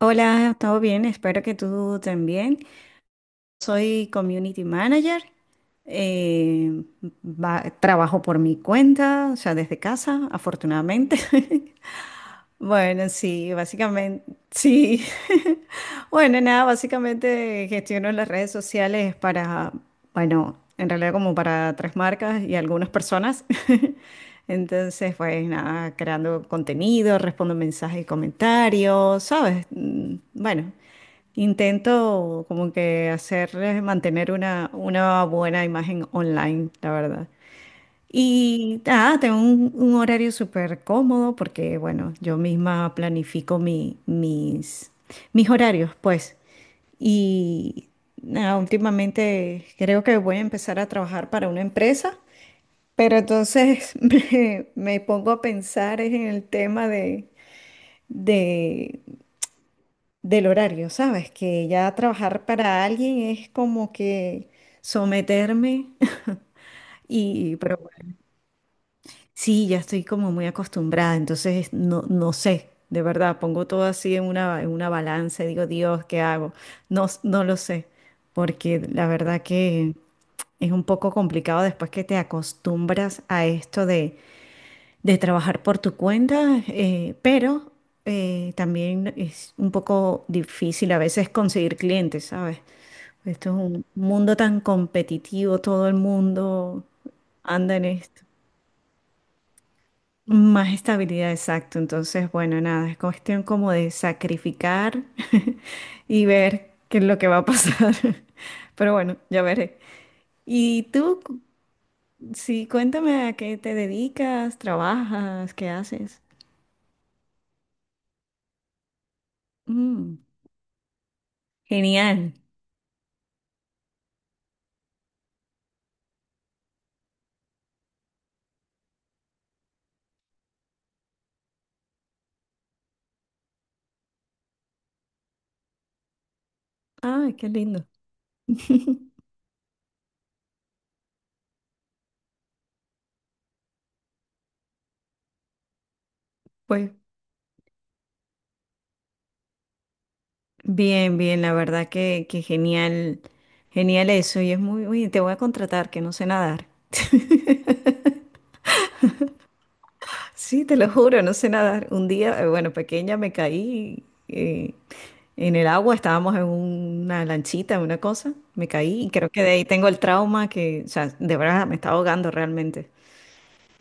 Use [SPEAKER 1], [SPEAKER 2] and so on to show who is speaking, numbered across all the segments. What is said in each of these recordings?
[SPEAKER 1] Hola, todo bien, espero que tú también. Soy community manager, eh, trabajo por mi cuenta, o sea, desde casa, afortunadamente. Bueno, sí, básicamente, sí. Bueno, nada, básicamente gestiono las redes sociales para, bueno, en realidad como para tres marcas y algunas personas. Entonces, pues nada, creando contenido, respondo mensajes y comentarios, ¿sabes? Bueno, intento como que hacerles mantener una buena imagen online, la verdad. Tengo un horario súper cómodo porque, bueno, yo misma planifico mis horarios, pues. Y nada, últimamente creo que voy a empezar a trabajar para una empresa, pero entonces me pongo a pensar es en el tema de, de- del horario, ¿sabes? Que ya trabajar para alguien es como que someterme y, pero bueno. Sí, ya estoy como muy acostumbrada, entonces no, no sé, de verdad, pongo todo así en una balanza y digo, Dios, ¿qué hago? No, no lo sé, porque la verdad que es un poco complicado después que te acostumbras a esto de trabajar por tu cuenta, pero también es un poco difícil a veces conseguir clientes, ¿sabes? Esto es un mundo tan competitivo, todo el mundo anda en esto. Más estabilidad, exacto. Entonces, bueno, nada, es cuestión como de sacrificar y ver qué es lo que va a pasar. Pero bueno, ya veré. ¿Y tú? Sí, cuéntame a qué te dedicas, trabajas, qué haces. Mm, genial. Ay, qué lindo. Pues bien, bien, la verdad que genial, genial eso. Y es muy, uy, te voy a contratar, que no sé nadar. Sí, te lo juro, no sé nadar. Un día, bueno, pequeña me caí eh, en el agua, estábamos en una lanchita, una cosa, me caí y creo que de ahí tengo el trauma que, o sea, de verdad me estaba ahogando realmente.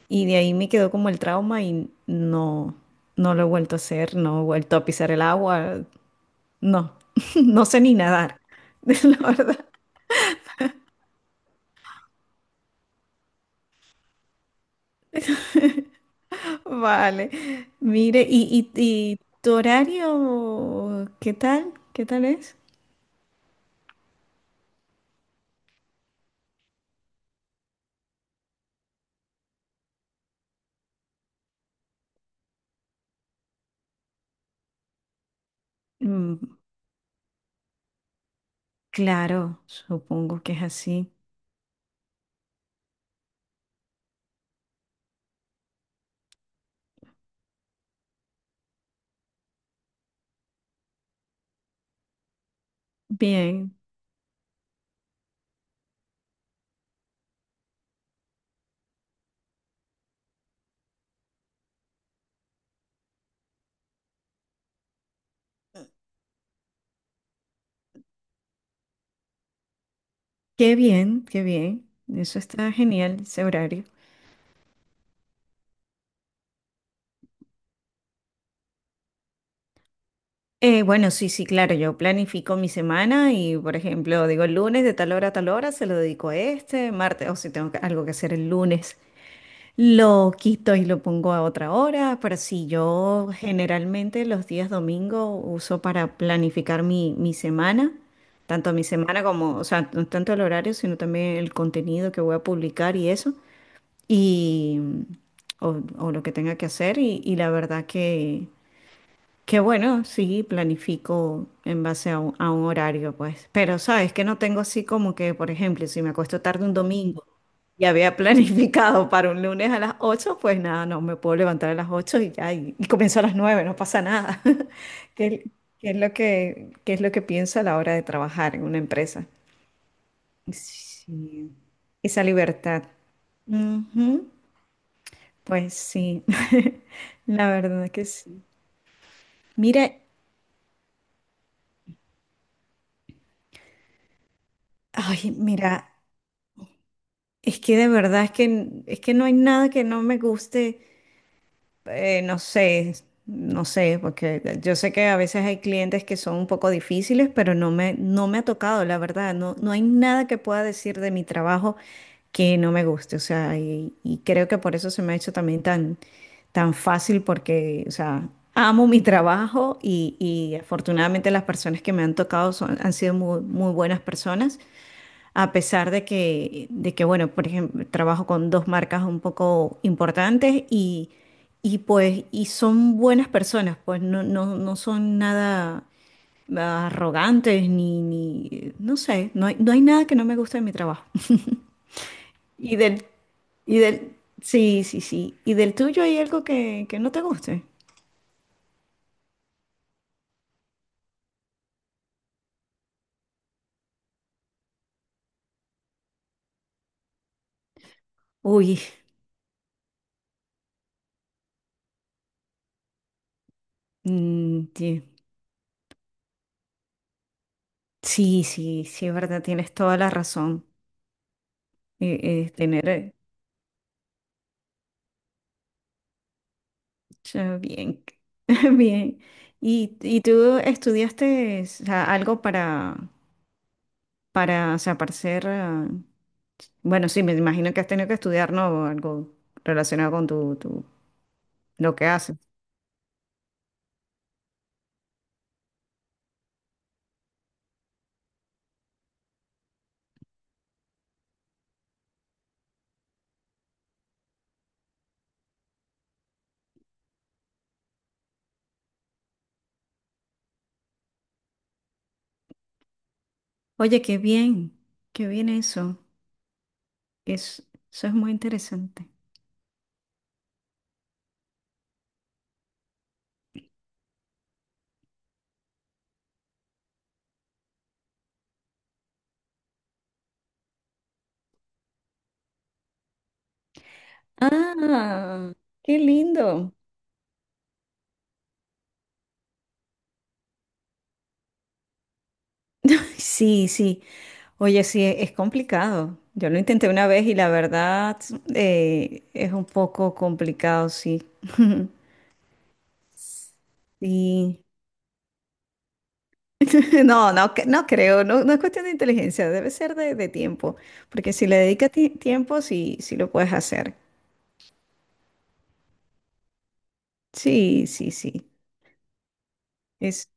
[SPEAKER 1] Y de ahí me quedó como el trauma y no, no lo he vuelto a hacer, no he vuelto a pisar el agua, no, no sé ni nadar, la verdad. Vale, mire, ¿ y tu horario qué tal? ¿Qué tal es? Mm. Claro, supongo que es así. Bien, qué bien, qué bien. Eso está genial, ese horario. Bueno, sí, sí, claro, yo planifico mi semana y, por ejemplo, digo el lunes de tal hora a tal hora, se lo dedico a este, martes, o si algo que hacer el lunes, lo quito y lo pongo a otra hora, pero sí, yo generalmente los días domingo uso para planificar mi semana, tanto mi semana como, o sea, no tanto el horario, sino también el contenido que voy a publicar y eso. Y, o lo que tenga que hacer y la verdad que bueno, sí, planifico en base a a un horario, pues, pero sabes que no tengo así como que, por ejemplo, si me acuesto tarde un domingo y había planificado para un lunes a las 8 pues nada, no me puedo levantar a las 8 y ya, y comienzo a las 9 no pasa nada. ¿Qué, qué es lo que pienso a la hora de trabajar en una empresa? Sí, esa libertad. Ujú. Pues sí, la verdad que sí. Mira, ay, mira, es que no hay nada que no me guste. Eh, no sé, no sé, porque yo sé que a veces hay clientes que son un poco difíciles, pero no me ha tocado, la verdad. No, no hay nada que pueda decir de mi trabajo que no me guste. O sea, y creo que por eso se me ha hecho también tan, tan fácil, porque, o sea, amo mi trabajo y afortunadamente las personas que me han tocado son, han sido muy, muy buenas personas. A pesar de que, bueno, por ejemplo, trabajo con dos marcas un poco importantes y pues, y son buenas personas, pues no, no, no son nada arrogantes ni, ni, no sé, no hay, no hay nada que no me guste de mi trabajo. Y del, y del, sí, sí, sí. ¿Y del tuyo hay algo que no te guste? Uy, mm, ti- sí, sí, sí, es verdad, tienes toda la razón. Eh, eh, tener, eh, Yo bien, bien. ¿ y tú estudiaste, o sea, algo para, o sea, para ser, bueno, sí, me imagino que has tenido que estudiar, ¿no? Algo relacionado con tu, lo que haces. Oye, qué bien eso. Es, eso es muy interesante. Ah, qué lindo. Sí, sí. Oye, sí, es complicado. Yo lo intenté una vez y la verdad es un poco complicado, sí. Sí, no, no, no creo, no, no es cuestión de inteligencia, debe ser de tiempo, porque si le dedicas tiempo, sí, sí lo puedes hacer. Sí, sí, sí. Es...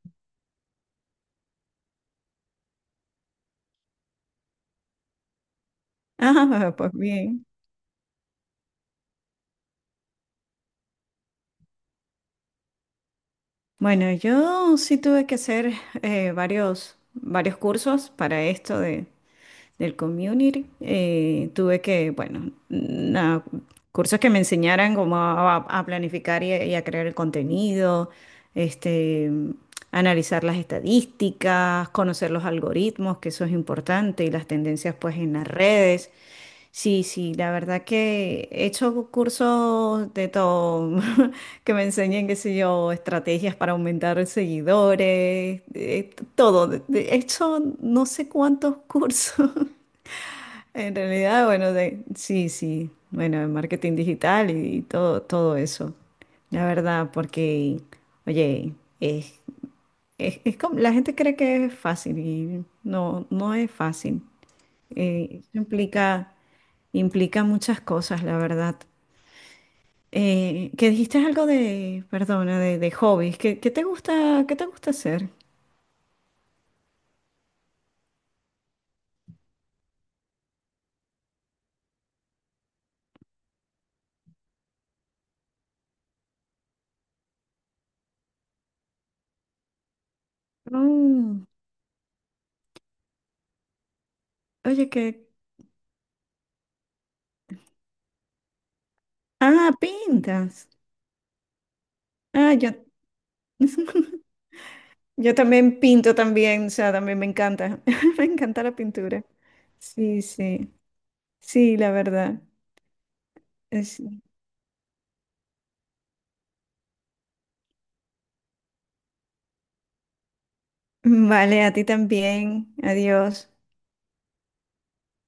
[SPEAKER 1] Ah, pues bien. Bueno, yo sí tuve que hacer varios, varios cursos para esto de. Del community. Eh, tuve que, bueno, cursos que me enseñaran cómo a planificar y a crear el contenido, este, analizar las estadísticas, conocer los algoritmos, que eso es importante, y las tendencias pues en las redes. Sí, sí, la verdad que he hecho cursos de todo, que me enseñen, qué sé yo, estrategias para aumentar seguidores, todo. De hecho, no sé cuántos cursos. En realidad, bueno, sí, sí, bueno, en marketing digital y todo, todo eso. La verdad, porque, oye, es, es como... la gente cree que es fácil y no, no es fácil. Eso implica, implica muchas cosas, la verdad. Que dijiste algo de, perdona, de hobbies. ¿Qué, qué te gusta hacer? Mm, oye, que, ah, pintas. Ah, yo. Yo también pinto también, o sea, también me encanta. Me encanta la pintura. Sí, sí, sí, la verdad. Es... Vale, a ti también. Adiós.